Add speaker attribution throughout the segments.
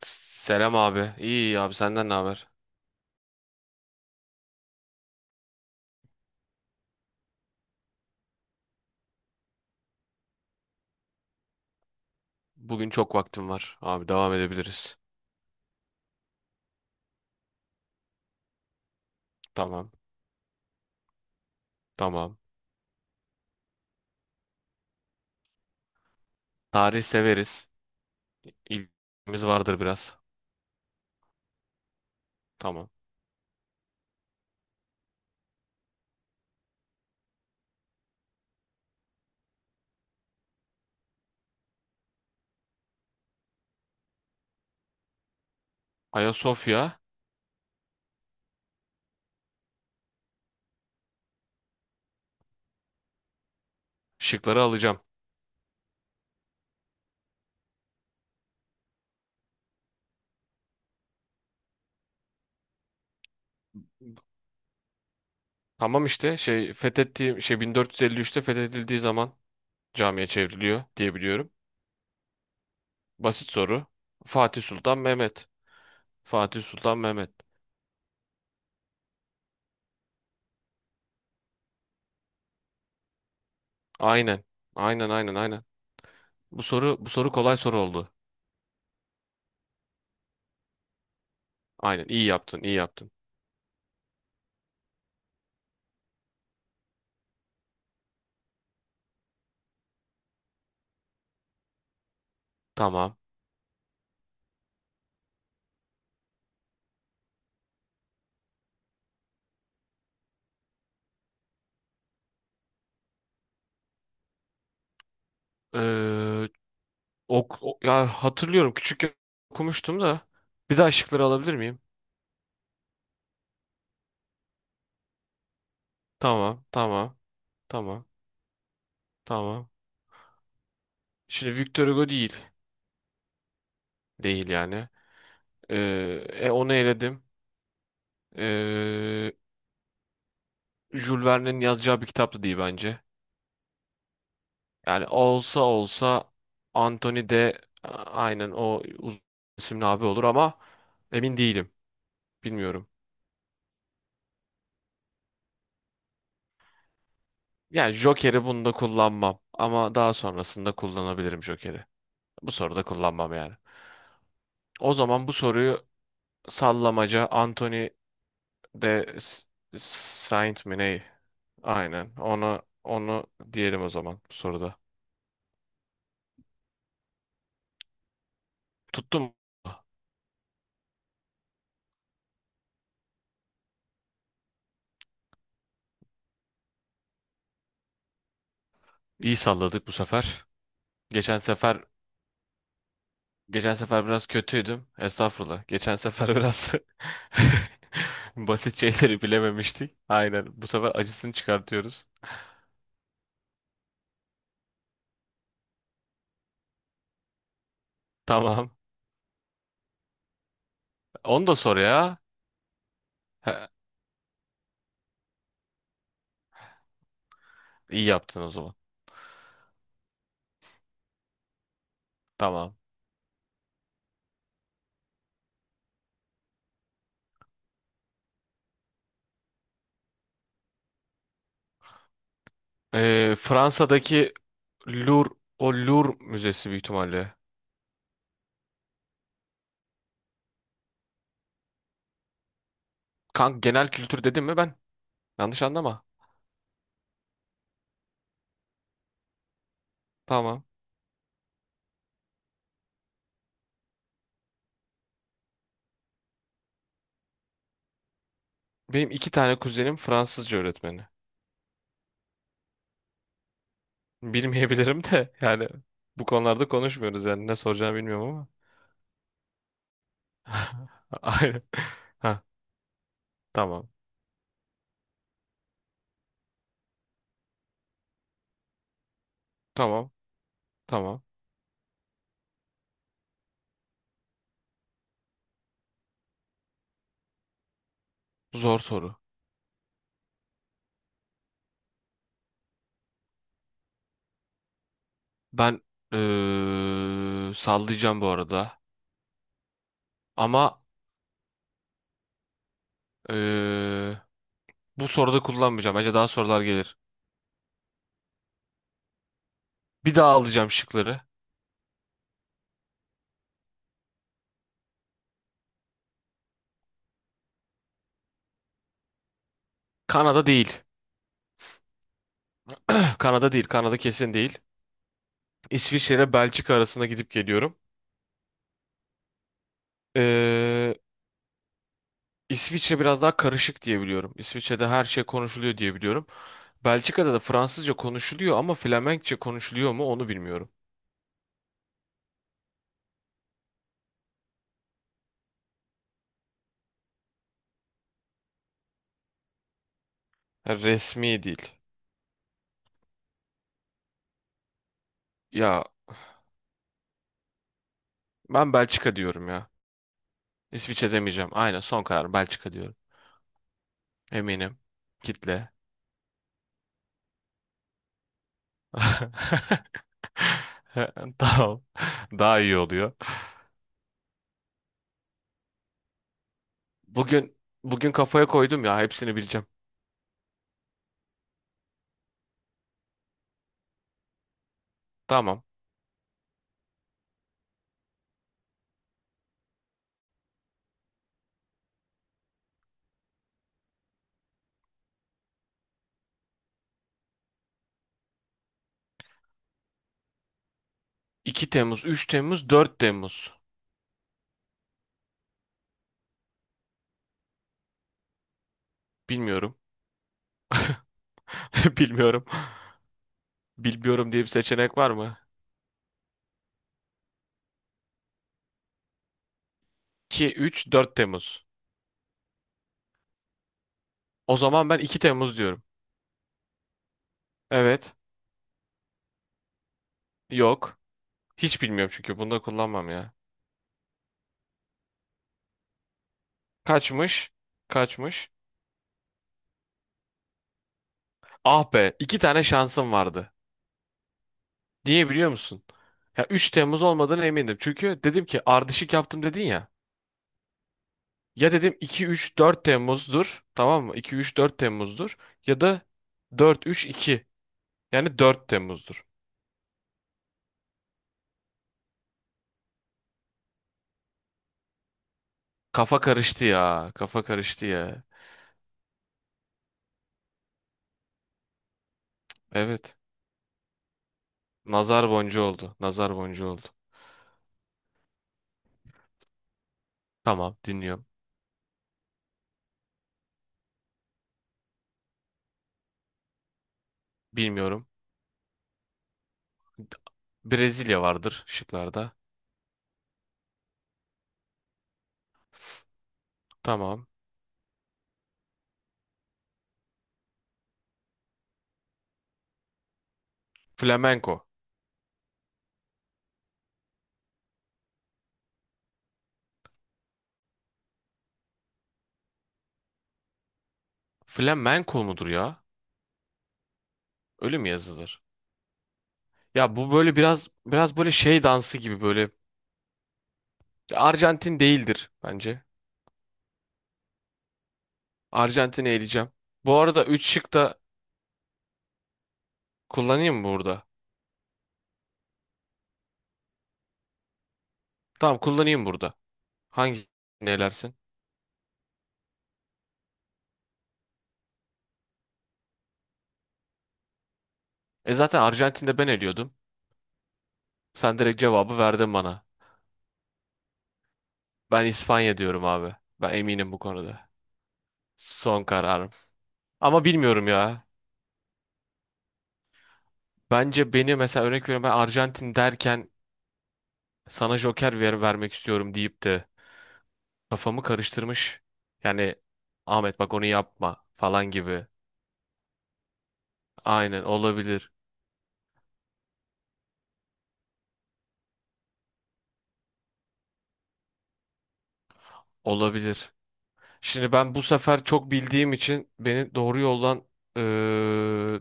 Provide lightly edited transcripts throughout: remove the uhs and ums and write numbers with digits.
Speaker 1: Selam abi. İyi abi senden ne haber? Bugün çok vaktim var. Abi devam edebiliriz. Tamam. Tamam. Tarih severiz. İlgimiz vardır biraz. Tamam. Ayasofya şıkları alacağım. Tamam işte şey fethettiğim şey 1453'te fethedildiği zaman camiye çevriliyor diye biliyorum. Basit soru. Fatih Sultan Mehmet. Fatih Sultan Mehmet. Aynen. Aynen, aynen, aynen. Bu soru kolay soru oldu. Aynen, iyi yaptın, iyi yaptın. Tamam. Ee, Ok, ya hatırlıyorum küçükken okumuştum da. Bir daha şıkları alabilir miyim? Tamam, tamam, tamam, tamam. Şimdi Victor Hugo değil. Değil yani. Ee, onu eledim. Ee, Jules Verne'in yazacağı bir kitaptı değil bence. Yani olsa olsa Anthony de aynen o uzun isimli abi olur ama emin değilim. Bilmiyorum. Yani Joker'i bunda kullanmam ama daha sonrasında kullanabilirim Joker'i. Bu soruda kullanmam yani. O zaman bu soruyu sallamaca Anthony de Saint mi ne? Aynen. Onu diyelim o zaman bu soruda. Tuttum. İyi salladık bu sefer. Geçen sefer geçen sefer biraz kötüydüm. Estağfurullah. Geçen sefer biraz basit şeyleri bilememiştik. Aynen. Bu sefer acısını çıkartıyoruz. Tamam. Onu da sor ya. He, iyi yaptın o zaman. Tamam. Fransa'daki Louvre, o Louvre Müzesi büyük ihtimalle. Kanka, genel kültür dedim mi ben? Yanlış anlama. Tamam. Benim iki tane kuzenim Fransızca öğretmeni. Bilmeyebilirim de yani, bu konularda konuşmuyoruz yani ne soracağımı bilmiyorum ama. Aynen. Ha, tamam. Tamam. Tamam. Zor soru. Ben sallayacağım bu arada. Ama eee, bu soruda kullanmayacağım. Bence daha sorular gelir. Bir daha alacağım şıkları. Kanada değil. Kanada değil. Kanada kesin değil. İsviçre ile Belçika arasında gidip geliyorum. Ee, İsviçre biraz daha karışık diye biliyorum. İsviçre'de her şey konuşuluyor diye biliyorum. Belçika'da da Fransızca konuşuluyor ama Flemenkçe konuşuluyor mu onu bilmiyorum. Ha, resmi değil. Ya, ben Belçika diyorum ya. İsviçre demeyeceğim. Aynen, son karar Belçika diyorum. Eminim. Kitle. Tamam. Daha iyi oluyor. Bugün bugün kafaya koydum ya hepsini bileceğim. Tamam. 2 Temmuz, 3 Temmuz, 4 Temmuz. Bilmiyorum. Bilmiyorum. Bilmiyorum diye bir seçenek var mı? 2, 3, 4 Temmuz. O zaman ben 2 Temmuz diyorum. Evet. Yok. Hiç bilmiyorum, çünkü bunu da kullanmam ya. Kaçmış? Kaçmış? Ah be, 2 tane şansım vardı. Niye biliyor musun? Ya 3 Temmuz olmadığına emindim. Çünkü dedim ki ardışık yaptım dedin ya. Ya dedim 2, 3, 4 Temmuz'dur. Tamam mı? 2, 3, 4 Temmuz'dur. Ya da 4, 3, 2. Yani 4 Temmuz'dur. Kafa karıştı ya. Kafa karıştı ya. Evet. Nazar boncuğu oldu. Nazar boncuğu oldu. Tamam, dinliyorum. Bilmiyorum. Brezilya vardır şıklarda. Tamam. Flamenco. Flamenco mudur ya? Öyle mi yazılır? Ya bu böyle biraz biraz böyle şey dansı gibi böyle. Arjantin değildir bence. Arjantin'e eleyeceğim. Bu arada 3 şık da kullanayım mı burada? Tamam, kullanayım burada. Hangi elersin? E zaten Arjantin'de ben eliyordum. Sen direkt cevabı verdin bana. Ben İspanya diyorum abi. Ben eminim bu konuda. Son karar. Ama bilmiyorum ya. Bence beni, mesela örnek veriyorum, ben Arjantin derken sana Joker vermek istiyorum deyip de kafamı karıştırmış. Yani Ahmet bak onu yapma falan gibi. Aynen, olabilir. Olabilir. Şimdi ben bu sefer çok bildiğim için beni doğru yoldan eee,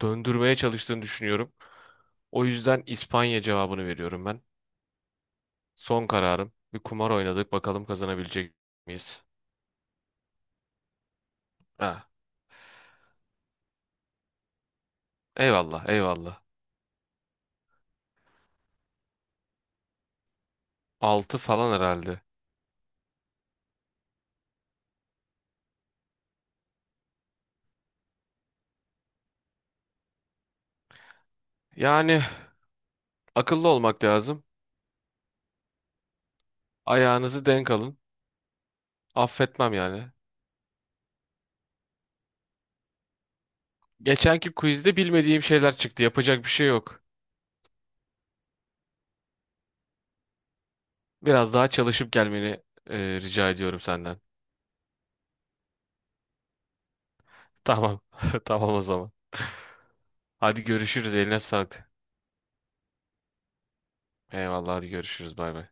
Speaker 1: döndürmeye çalıştığını düşünüyorum. O yüzden İspanya cevabını veriyorum ben. Son kararım. Bir kumar oynadık, bakalım kazanabilecek miyiz? Ha. Eyvallah, eyvallah. 6 falan herhalde. Yani, akıllı olmak lazım. Ayağınızı denk alın. Affetmem yani. Geçenki quizde bilmediğim şeyler çıktı. Yapacak bir şey yok. Biraz daha çalışıp gelmeni rica ediyorum senden. Tamam. Tamam o zaman. Hadi görüşürüz. Eline sağlık. Eyvallah, hadi görüşürüz. Bay bay.